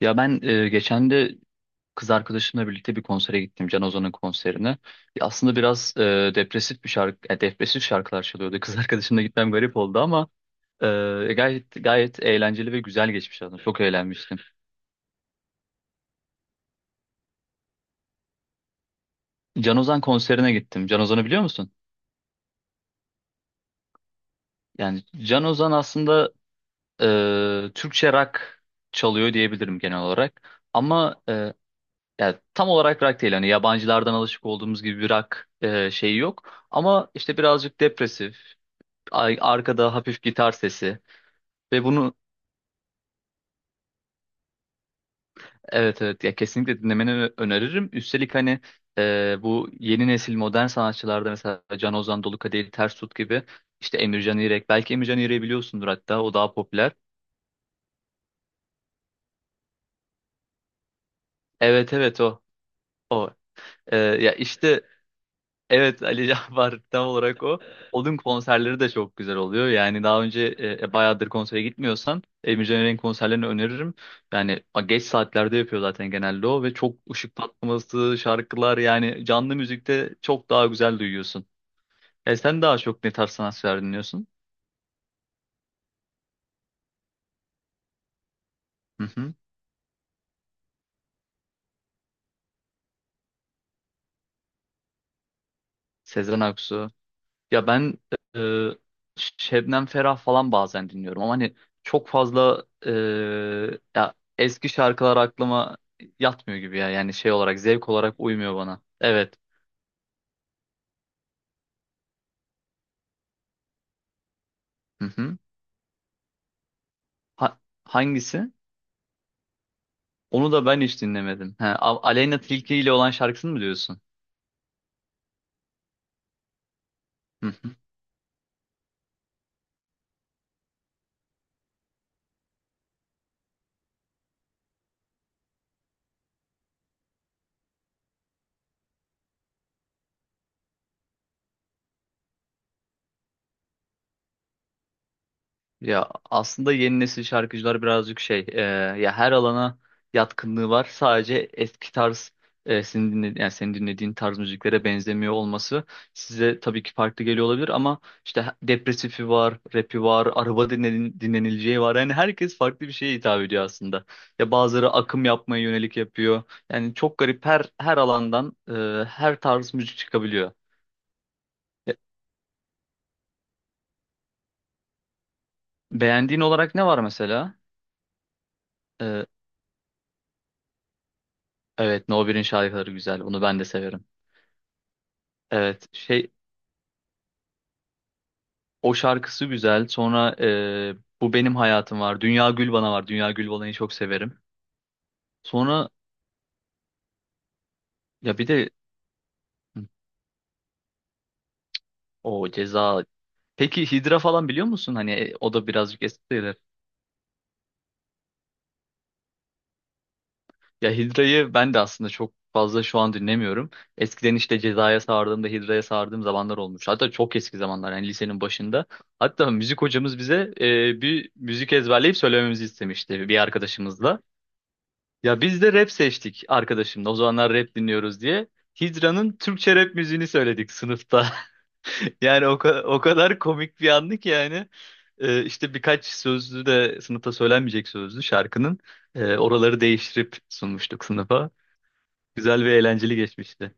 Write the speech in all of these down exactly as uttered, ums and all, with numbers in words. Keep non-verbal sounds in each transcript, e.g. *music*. Ya ben e, geçen de kız arkadaşımla birlikte bir konsere gittim. Can Ozan'ın konserine. Ya aslında biraz e, depresif bir şarkı, e, depresif şarkılar çalıyordu. *laughs* Kız arkadaşımla gitmem garip oldu ama e, gayet gayet eğlenceli ve güzel geçmiş aslında. Çok eğlenmiştim. Can Ozan konserine gittim. Can Ozan'ı biliyor musun? Yani Can Ozan aslında e, Türkçe rock çalıyor diyebilirim genel olarak. Ama e, yani tam olarak rock değil. Hani yabancılardan alışık olduğumuz gibi bir rock e, şeyi yok. Ama işte birazcık depresif. Ay- Arkada hafif gitar sesi ve bunu evet, evet, ya kesinlikle dinlemeni ö- öneririm. Üstelik hani e, bu yeni nesil modern sanatçılarda mesela Can Ozan, Dolu Ters Tut gibi işte Emircan İrek, belki Emircan İrek'i biliyorsundur, hatta o daha popüler. Evet, evet, o o. E, ya işte evet, Ali Cabbar *laughs* tam olarak o. Onun konserleri de çok güzel oluyor. Yani daha önce e, e, bayağıdır konsere gitmiyorsan Emre Caner'in konserlerini öneririm. Yani a, geç saatlerde yapıyor zaten genelde o ve çok ışık patlaması, şarkılar, yani canlı müzikte çok daha güzel duyuyorsun. E sen daha çok ne tarz sanatçılar dinliyorsun? Hı hı. Sezen Aksu. Ya ben e, Şebnem Ferah falan bazen dinliyorum ama hani çok fazla e, ya eski şarkılar aklıma yatmıyor gibi ya. Yani şey olarak, zevk olarak uymuyor bana. Evet. Hı hı. Ha- Hangisi? Onu da ben hiç dinlemedim. He, A- Aleyna Tilki ile olan şarkısını mı diyorsun? Hı hı. Ya aslında yeni nesil şarkıcılar birazcık şey e, ya her alana yatkınlığı var. Sadece eski tarz e, senin dinle, yani senin dinlediğin tarz müziklere benzemiyor olması size tabii ki farklı geliyor olabilir ama işte depresifi var, rapi var, araba dinlen, dinlenileceği var. Yani herkes farklı bir şeye hitap ediyor aslında. Ya bazıları akım yapmaya yönelik yapıyor. Yani çok garip, her her alandan e, her tarz müzik çıkabiliyor. Ya, beğendiğin olarak ne var mesela? Evet, No 1'in şarkıları güzel. Onu ben de severim. Evet, şey, o şarkısı güzel. Sonra e, Bu Benim Hayatım var. Dünya Gül Bana var. Dünya Gül Bana'yı çok severim. Sonra ya bir de o Ceza. Peki Hidra falan biliyor musun? Hani e, o da birazcık eskidir. Ya Hidra'yı ben de aslında çok fazla şu an dinlemiyorum. Eskiden işte Ceza'ya sardığımda Hidra'ya sardığım zamanlar olmuş. Hatta çok eski zamanlar, yani lisenin başında. Hatta müzik hocamız bize e, bir müzik ezberleyip söylememizi istemişti bir arkadaşımızla. Ya biz de rap seçtik arkadaşımla. O zamanlar rap dinliyoruz diye. Hidra'nın Türkçe rap müziğini söyledik sınıfta. *laughs* Yani o, ka- o kadar komik bir andı ki yani. Ee, işte birkaç sözlü de sınıfta söylenmeyecek sözlü şarkının e, oraları değiştirip sunmuştuk sınıfa. Güzel ve eğlenceli geçmişti.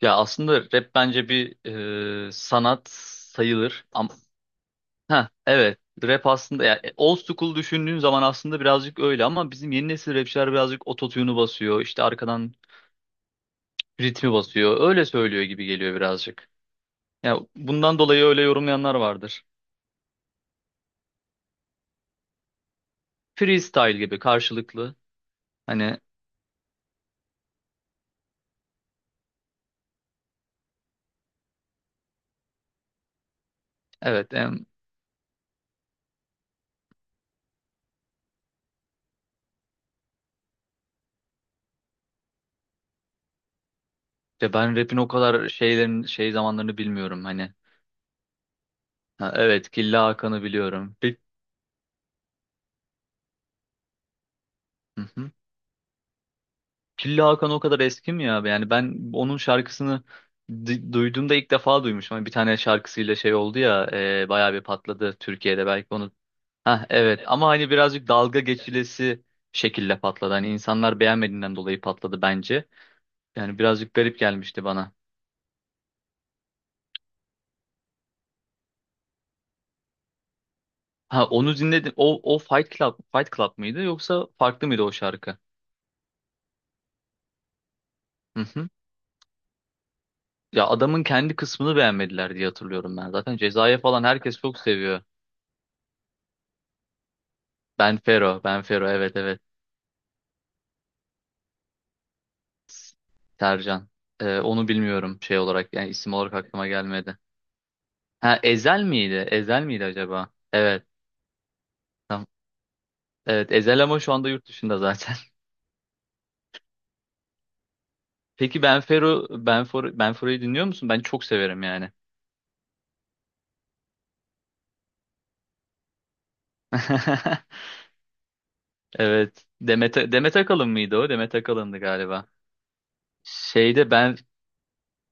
Ya aslında rap bence bir e, sanat sayılır. Ama ha, evet, rap aslında ya, e, old school düşündüğün zaman aslında birazcık öyle ama bizim yeni nesil rapçiler birazcık ototune'u basıyor. İşte arkadan ritmi basıyor. Öyle söylüyor gibi geliyor birazcık. Ya bundan dolayı öyle yorumlayanlar vardır. Freestyle gibi karşılıklı. Hani evet, em, ya ben rap'in o kadar şeylerin, şey zamanlarını bilmiyorum hani. Ha, evet, Killa Hakan'ı biliyorum. Bi- Hı hı. Killa Hakan o kadar eski mi ya? Yani ben onun şarkısını di- duyduğumda ilk defa duymuşum. Hani bir tane şarkısıyla şey oldu ya, e, bayağı bir patladı Türkiye'de, belki onu. Ha evet, ama hani birazcık dalga geçilesi şekilde patladı. Hani insanlar beğenmediğinden dolayı patladı bence. Yani birazcık garip gelmişti bana. Ha, onu dinledim. O o Fight Club Fight Club mıydı yoksa farklı mıydı o şarkı? Hı hı. Ya adamın kendi kısmını beğenmediler diye hatırlıyorum ben. Zaten Ceza'ya falan herkes çok seviyor. Ben Fero, Ben Fero, evet, evet. S- Sercan. Ee, onu bilmiyorum şey olarak, yani isim olarak aklıma gelmedi. Ha, Ezel miydi? Ezel miydi acaba? Evet. Tamam. Evet, Ezel ama şu anda yurt dışında zaten. Peki Benfero, Benfero, Benfero'yu dinliyor musun? Ben çok severim yani. *laughs* Evet. Demet, Demet Akalın mıydı o? Demet Akalın'dı galiba. Şeyde ben,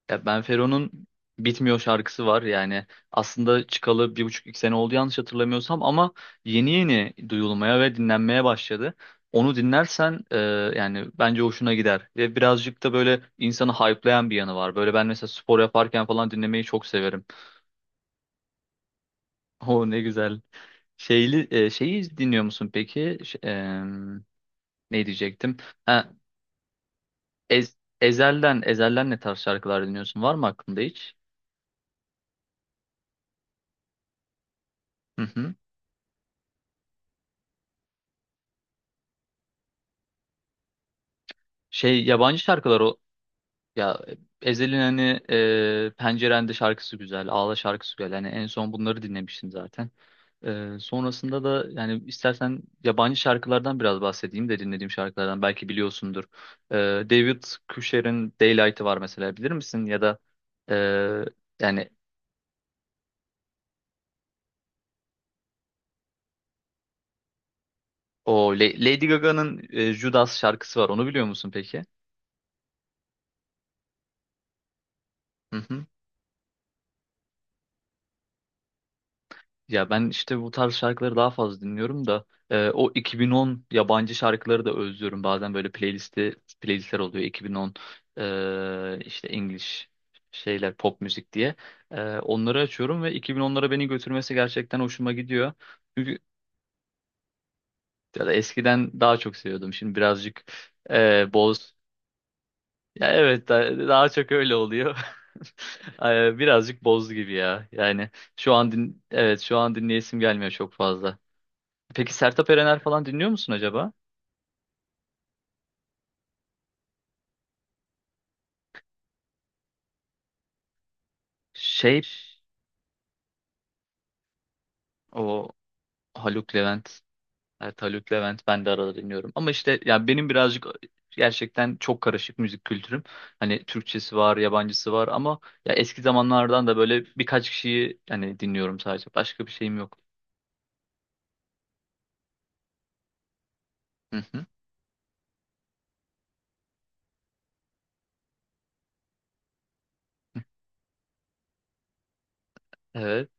ya Benfero'nun Bitmiyor şarkısı var yani. Aslında çıkalı bir buçuk iki sene oldu yanlış hatırlamıyorsam ama yeni yeni duyulmaya ve dinlenmeye başladı. Onu dinlersen e, yani bence hoşuna gider. Ve birazcık da böyle insanı hype'layan bir yanı var. Böyle ben mesela spor yaparken falan dinlemeyi çok severim. O ne güzel. Şeyli, e, şeyi dinliyor musun peki? Ş- e, ne diyecektim? Ha, Ez- Ezel'den, Ezel'den ne tarz şarkılar dinliyorsun? Var mı aklında hiç? Hı hı. Şey, yabancı şarkılar. Ya Ezhel'in hani e, Pencerende şarkısı güzel, Ağla şarkısı güzel. Hani en son bunları dinlemiştim zaten. E, sonrasında da yani istersen yabancı şarkılardan biraz bahsedeyim de dinlediğim şarkılardan belki biliyorsundur. E, David Cusher'in Daylight'ı var mesela, bilir misin? Ya da e, yani o La- Lady Gaga'nın e, Judas şarkısı var. Onu biliyor musun peki? Hı hı. Ya ben işte bu tarz şarkıları daha fazla dinliyorum da e, o iki bin on yabancı şarkıları da özlüyorum. Bazen böyle playlisti playlistler oluyor, iki bin on e, işte English şeyler, pop müzik diye. E, onları açıyorum ve iki bin onlara beni götürmesi gerçekten hoşuma gidiyor. Çünkü, ya da eskiden daha çok seviyordum. Şimdi birazcık e, boz. Ya evet, da- daha çok öyle oluyor. *laughs* E, Birazcık boz gibi ya. Yani şu an din evet, şu an dinleyesim gelmiyor çok fazla. Peki Sertab Erener falan dinliyor musun acaba? Şey, o Haluk Levent. Evet, Haluk Levent ben de arada dinliyorum. Ama işte ya benim birazcık e, gerçekten çok karışık müzik kültürüm. Hani Türkçesi var, yabancısı var ama ya eski zamanlardan da böyle birkaç kişiyi hani dinliyorum sadece. Başka bir şeyim yok. Hı hı. Evet.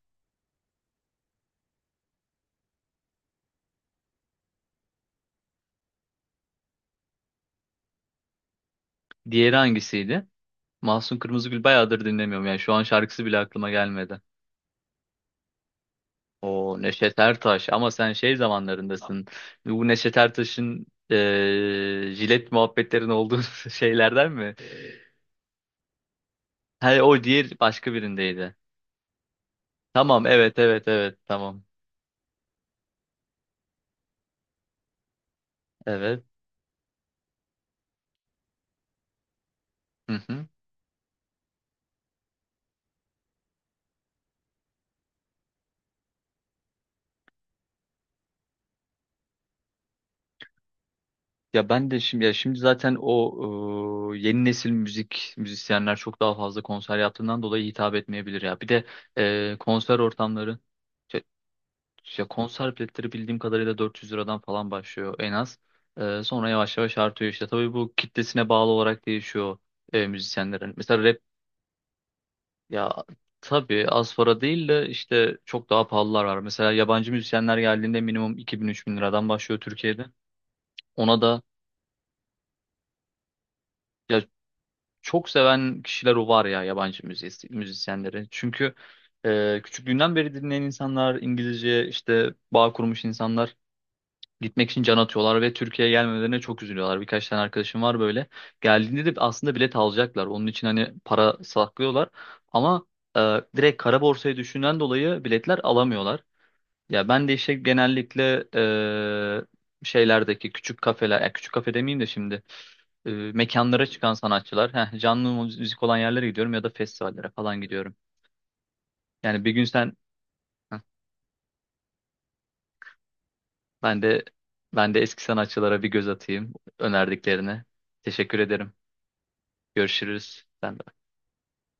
Diğeri hangisiydi? Mahsun Kırmızıgül bayağıdır dinlemiyorum. Yani şu an şarkısı bile aklıma gelmedi. O Neşet Ertaş ama sen şey zamanlarındasın. Bu Neşet Ertaş'ın eee jilet muhabbetlerin olduğu *laughs* şeylerden mi? Hayır, o diğer başka birindeydi. Tamam, evet, evet, evet, tamam. Evet. Hı hı. Ya ben de şimdi, ya şimdi zaten o eee, yeni nesil müzik müzisyenler çok daha fazla konser yaptığından dolayı hitap etmeyebilir ya. Bir de eee, konser ortamları. Ya konser biletleri bildiğim kadarıyla dört yüz liradan falan başlıyor en az. Ee, sonra yavaş yavaş artıyor işte. Tabii bu kitlesine bağlı olarak değişiyor e, müzisyenlerin. Mesela rap, ya tabii az para değil de işte çok daha pahalılar var. Mesela yabancı müzisyenler geldiğinde minimum 2000 bin liradan başlıyor Türkiye'de. Ona da, ya çok seven kişiler o var ya, yabancı müzis müzisyenleri. Çünkü e, küçüklüğünden beri dinleyen insanlar, İngilizce işte bağ kurmuş insanlar gitmek için can atıyorlar ve Türkiye'ye gelmemelerine çok üzülüyorlar. Birkaç tane arkadaşım var böyle. Geldiğinde de aslında bilet alacaklar. Onun için hani para saklıyorlar. Ama e, direkt kara borsayı düşünen dolayı biletler alamıyorlar. Ya ben de işte genellikle e, şeylerdeki küçük kafeler, ya küçük kafe demeyeyim de şimdi e, mekanlara çıkan sanatçılar, heh, canlı müzik olan yerlere gidiyorum ya da festivallere falan gidiyorum. Yani bir gün sen. Heh, ben de ben de eski sanatçılara bir göz atayım önerdiklerine. Teşekkür ederim. Görüşürüz. Sen de.